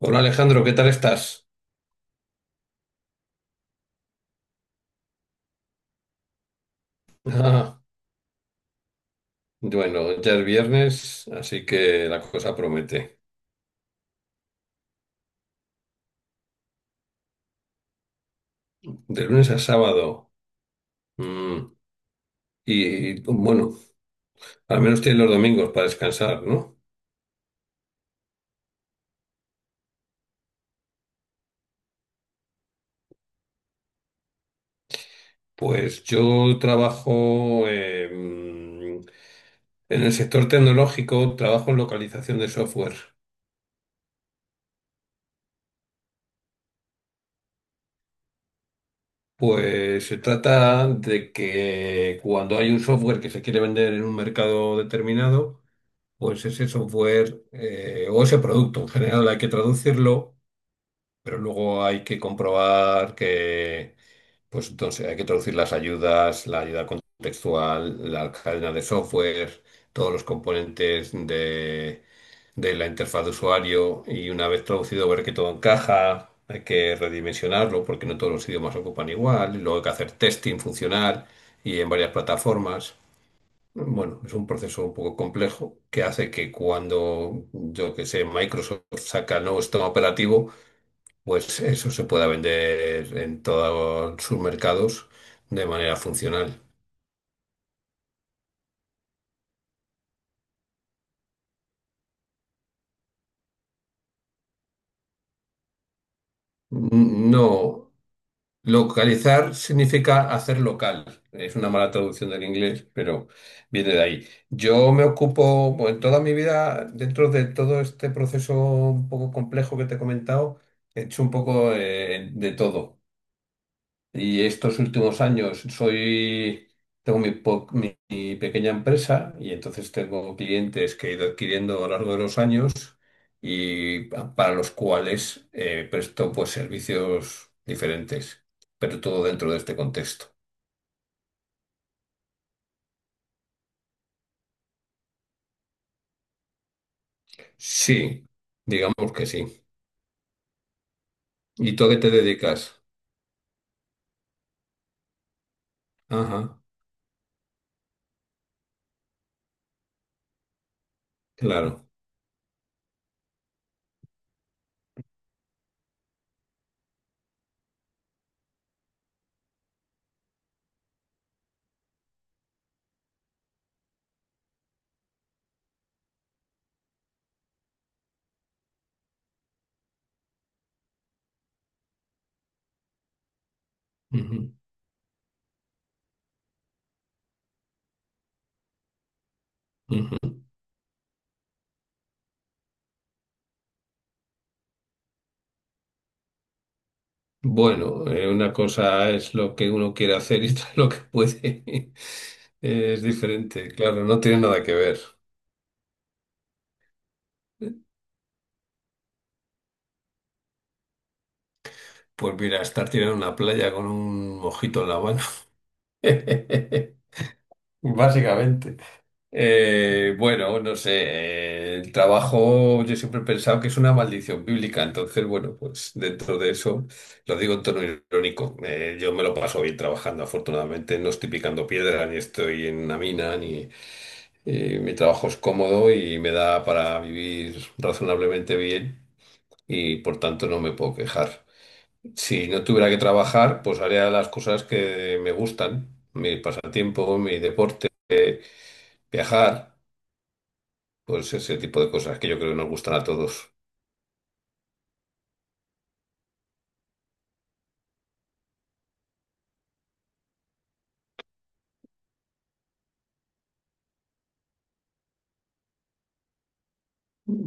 Hola Alejandro, ¿qué tal estás? Ah, bueno, ya es viernes, así que la cosa promete. De lunes a sábado. Mm, y bueno, al menos tienes los domingos para descansar, ¿no? Pues yo trabajo en el sector tecnológico, trabajo en localización de software. Pues se trata de que cuando hay un software que se quiere vender en un mercado determinado, pues ese software o ese producto en general hay que traducirlo, pero luego hay que comprobar pues entonces hay que traducir las ayudas, la ayuda contextual, la cadena de software, todos los componentes de la interfaz de usuario y una vez traducido ver que todo encaja. Hay que redimensionarlo porque no todos los idiomas ocupan igual. Y luego hay que hacer testing funcional y en varias plataformas. Bueno, es un proceso un poco complejo que hace que cuando, yo que sé, Microsoft saca el nuevo sistema operativo, pues eso se pueda vender en todos sus mercados de manera funcional. No, localizar significa hacer local. Es una mala traducción del inglés, pero viene de ahí. Yo me ocupo, bueno, en toda mi vida, dentro de todo este proceso un poco complejo que te he comentado, he hecho un poco de todo. Y estos últimos años tengo mi pequeña empresa y entonces tengo clientes que he ido adquiriendo a lo largo de los años y para los cuales presto pues servicios diferentes, pero todo dentro de este contexto. Sí, digamos que sí. ¿Y tú a qué te dedicas? Ajá, claro. Ujú, ujú. Bueno, una cosa es lo que uno quiere hacer y otra lo que puede. Es diferente, claro, no tiene nada que ver. Pues mira, estar tirando en una playa con un mojito en la mano. Básicamente. Bueno, no sé, el trabajo yo siempre he pensado que es una maldición bíblica, entonces bueno, pues dentro de eso lo digo en tono irónico. Yo me lo paso bien trabajando, afortunadamente no estoy picando piedra, ni estoy en una mina, ni mi trabajo es cómodo y me da para vivir razonablemente bien. Y por tanto no me puedo quejar. Si no tuviera que trabajar, pues haría las cosas que me gustan, mi pasatiempo, mi deporte, viajar, pues ese tipo de cosas que yo creo que nos gustan a todos.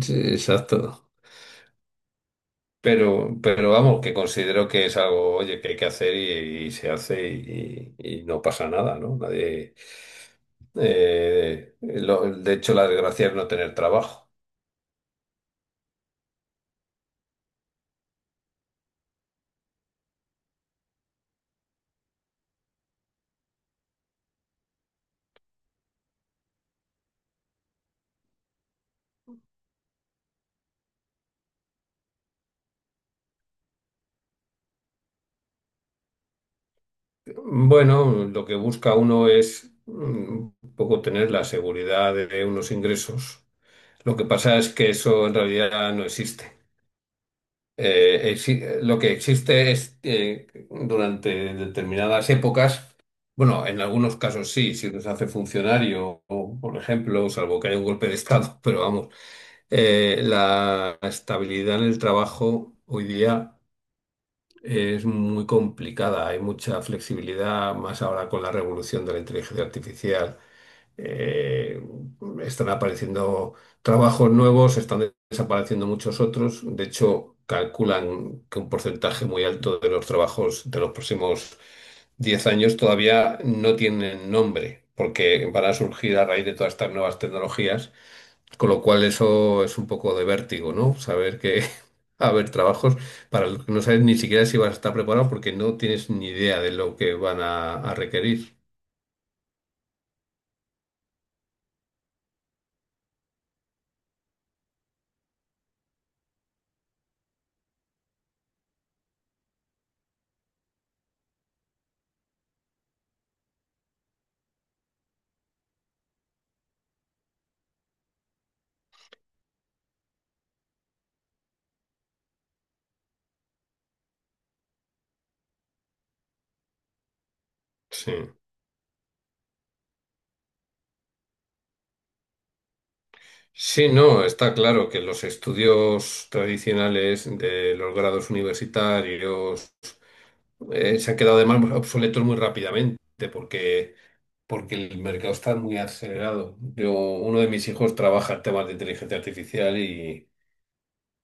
Sí, exacto. Pero vamos, que considero que es algo, oye, que hay que hacer y se hace y no pasa nada, ¿no? Nadie, de hecho, la desgracia es no tener trabajo. Bueno, lo que busca uno es mm, un poco tener la seguridad de unos ingresos. Lo que pasa es que eso en realidad no existe. Lo que existe es durante determinadas épocas, bueno, en algunos casos sí, si uno se hace funcionario, o, por ejemplo, salvo que haya un golpe de estado, pero vamos, la estabilidad en el trabajo hoy día es muy complicada, hay mucha flexibilidad, más ahora con la revolución de la inteligencia artificial. Eh, Están apareciendo trabajos nuevos, están desapareciendo muchos otros. De hecho, calculan que un porcentaje muy alto de los trabajos de los próximos 10 años todavía no tienen nombre, porque van a surgir a raíz de todas estas nuevas tecnologías con lo cual eso es un poco de vértigo, ¿no? Saber que va a haber trabajos para los que no sabes ni siquiera si vas a estar preparado porque no tienes ni idea de lo que van a requerir. Sí. Sí, no, está claro que los estudios tradicionales de los grados universitarios se han quedado además obsoletos muy rápidamente porque, porque el mercado está muy acelerado. Yo, uno de mis hijos trabaja en temas de inteligencia artificial y...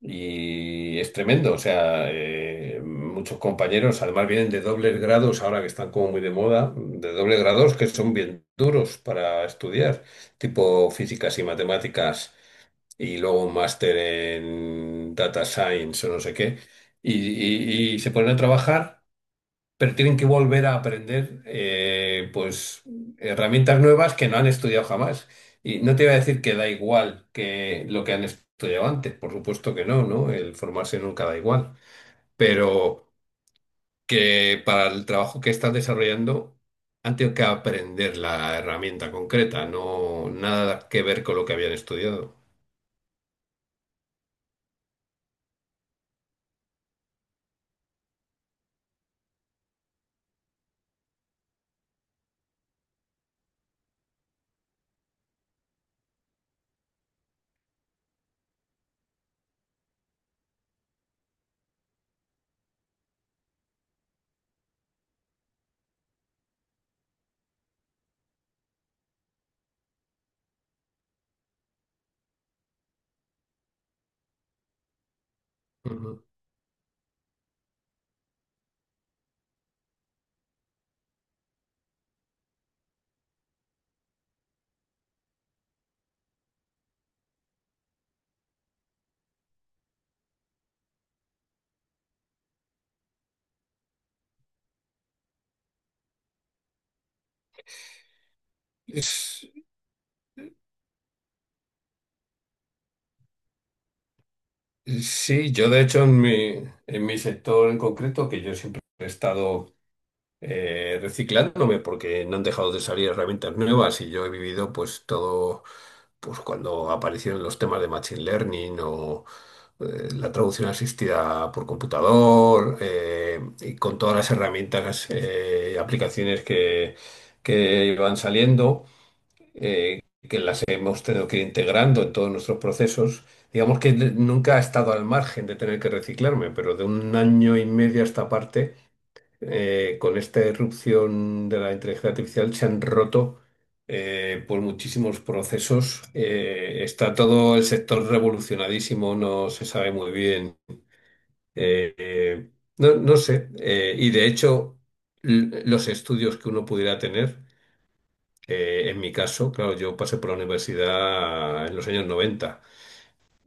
Y es tremendo, o sea, muchos compañeros además vienen de dobles grados, ahora que están como muy de moda, de dobles grados que son bien duros para estudiar, tipo físicas y matemáticas, y luego un máster en data science o no sé qué, y se ponen a trabajar pero tienen que volver a aprender pues herramientas nuevas que no han estudiado jamás. Y no te iba a decir que da igual que lo que han estudiado antes, por supuesto que no, ¿no? El formarse nunca da igual, pero que para el trabajo que estás desarrollando han tenido que aprender la herramienta concreta, no nada que ver con lo que habían estudiado. Ujú. Es- Sí, yo de hecho en mi sector en concreto, que yo siempre he estado reciclándome porque no han dejado de salir herramientas nuevas y yo he vivido pues todo, pues cuando aparecieron los temas de Machine Learning o la traducción asistida por computador y con todas las herramientas y aplicaciones que iban saliendo. eh, que las hemos tenido que ir integrando en todos nuestros procesos. Digamos que nunca he estado al margen de tener que reciclarme, pero de un año y medio a esta parte con esta irrupción de la inteligencia artificial se han roto pues muchísimos procesos. Está todo el sector revolucionadísimo, no se sabe muy bien. Eh, eh, no, no sé. Y de hecho, los estudios que uno pudiera tener, en mi caso, claro, yo pasé por la universidad en los años 90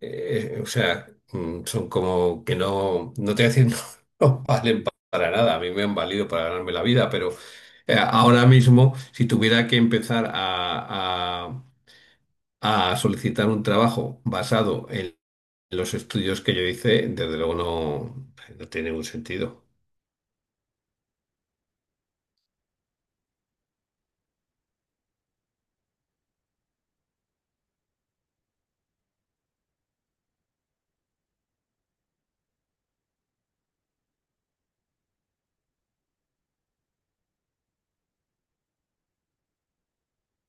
o sea, mm, son como que no, no te voy a decir, no valen para nada. A mí me han valido para ganarme la vida, pero ahora mismo, si tuviera que empezar a solicitar un trabajo basado en los estudios que yo hice, desde luego no, no tiene ningún sentido.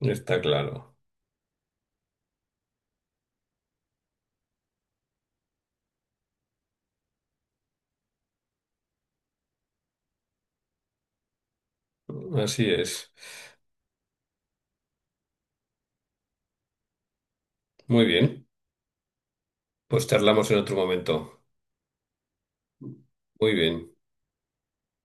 Está claro. Así es. Muy bien. Pues charlamos en otro momento. Muy bien.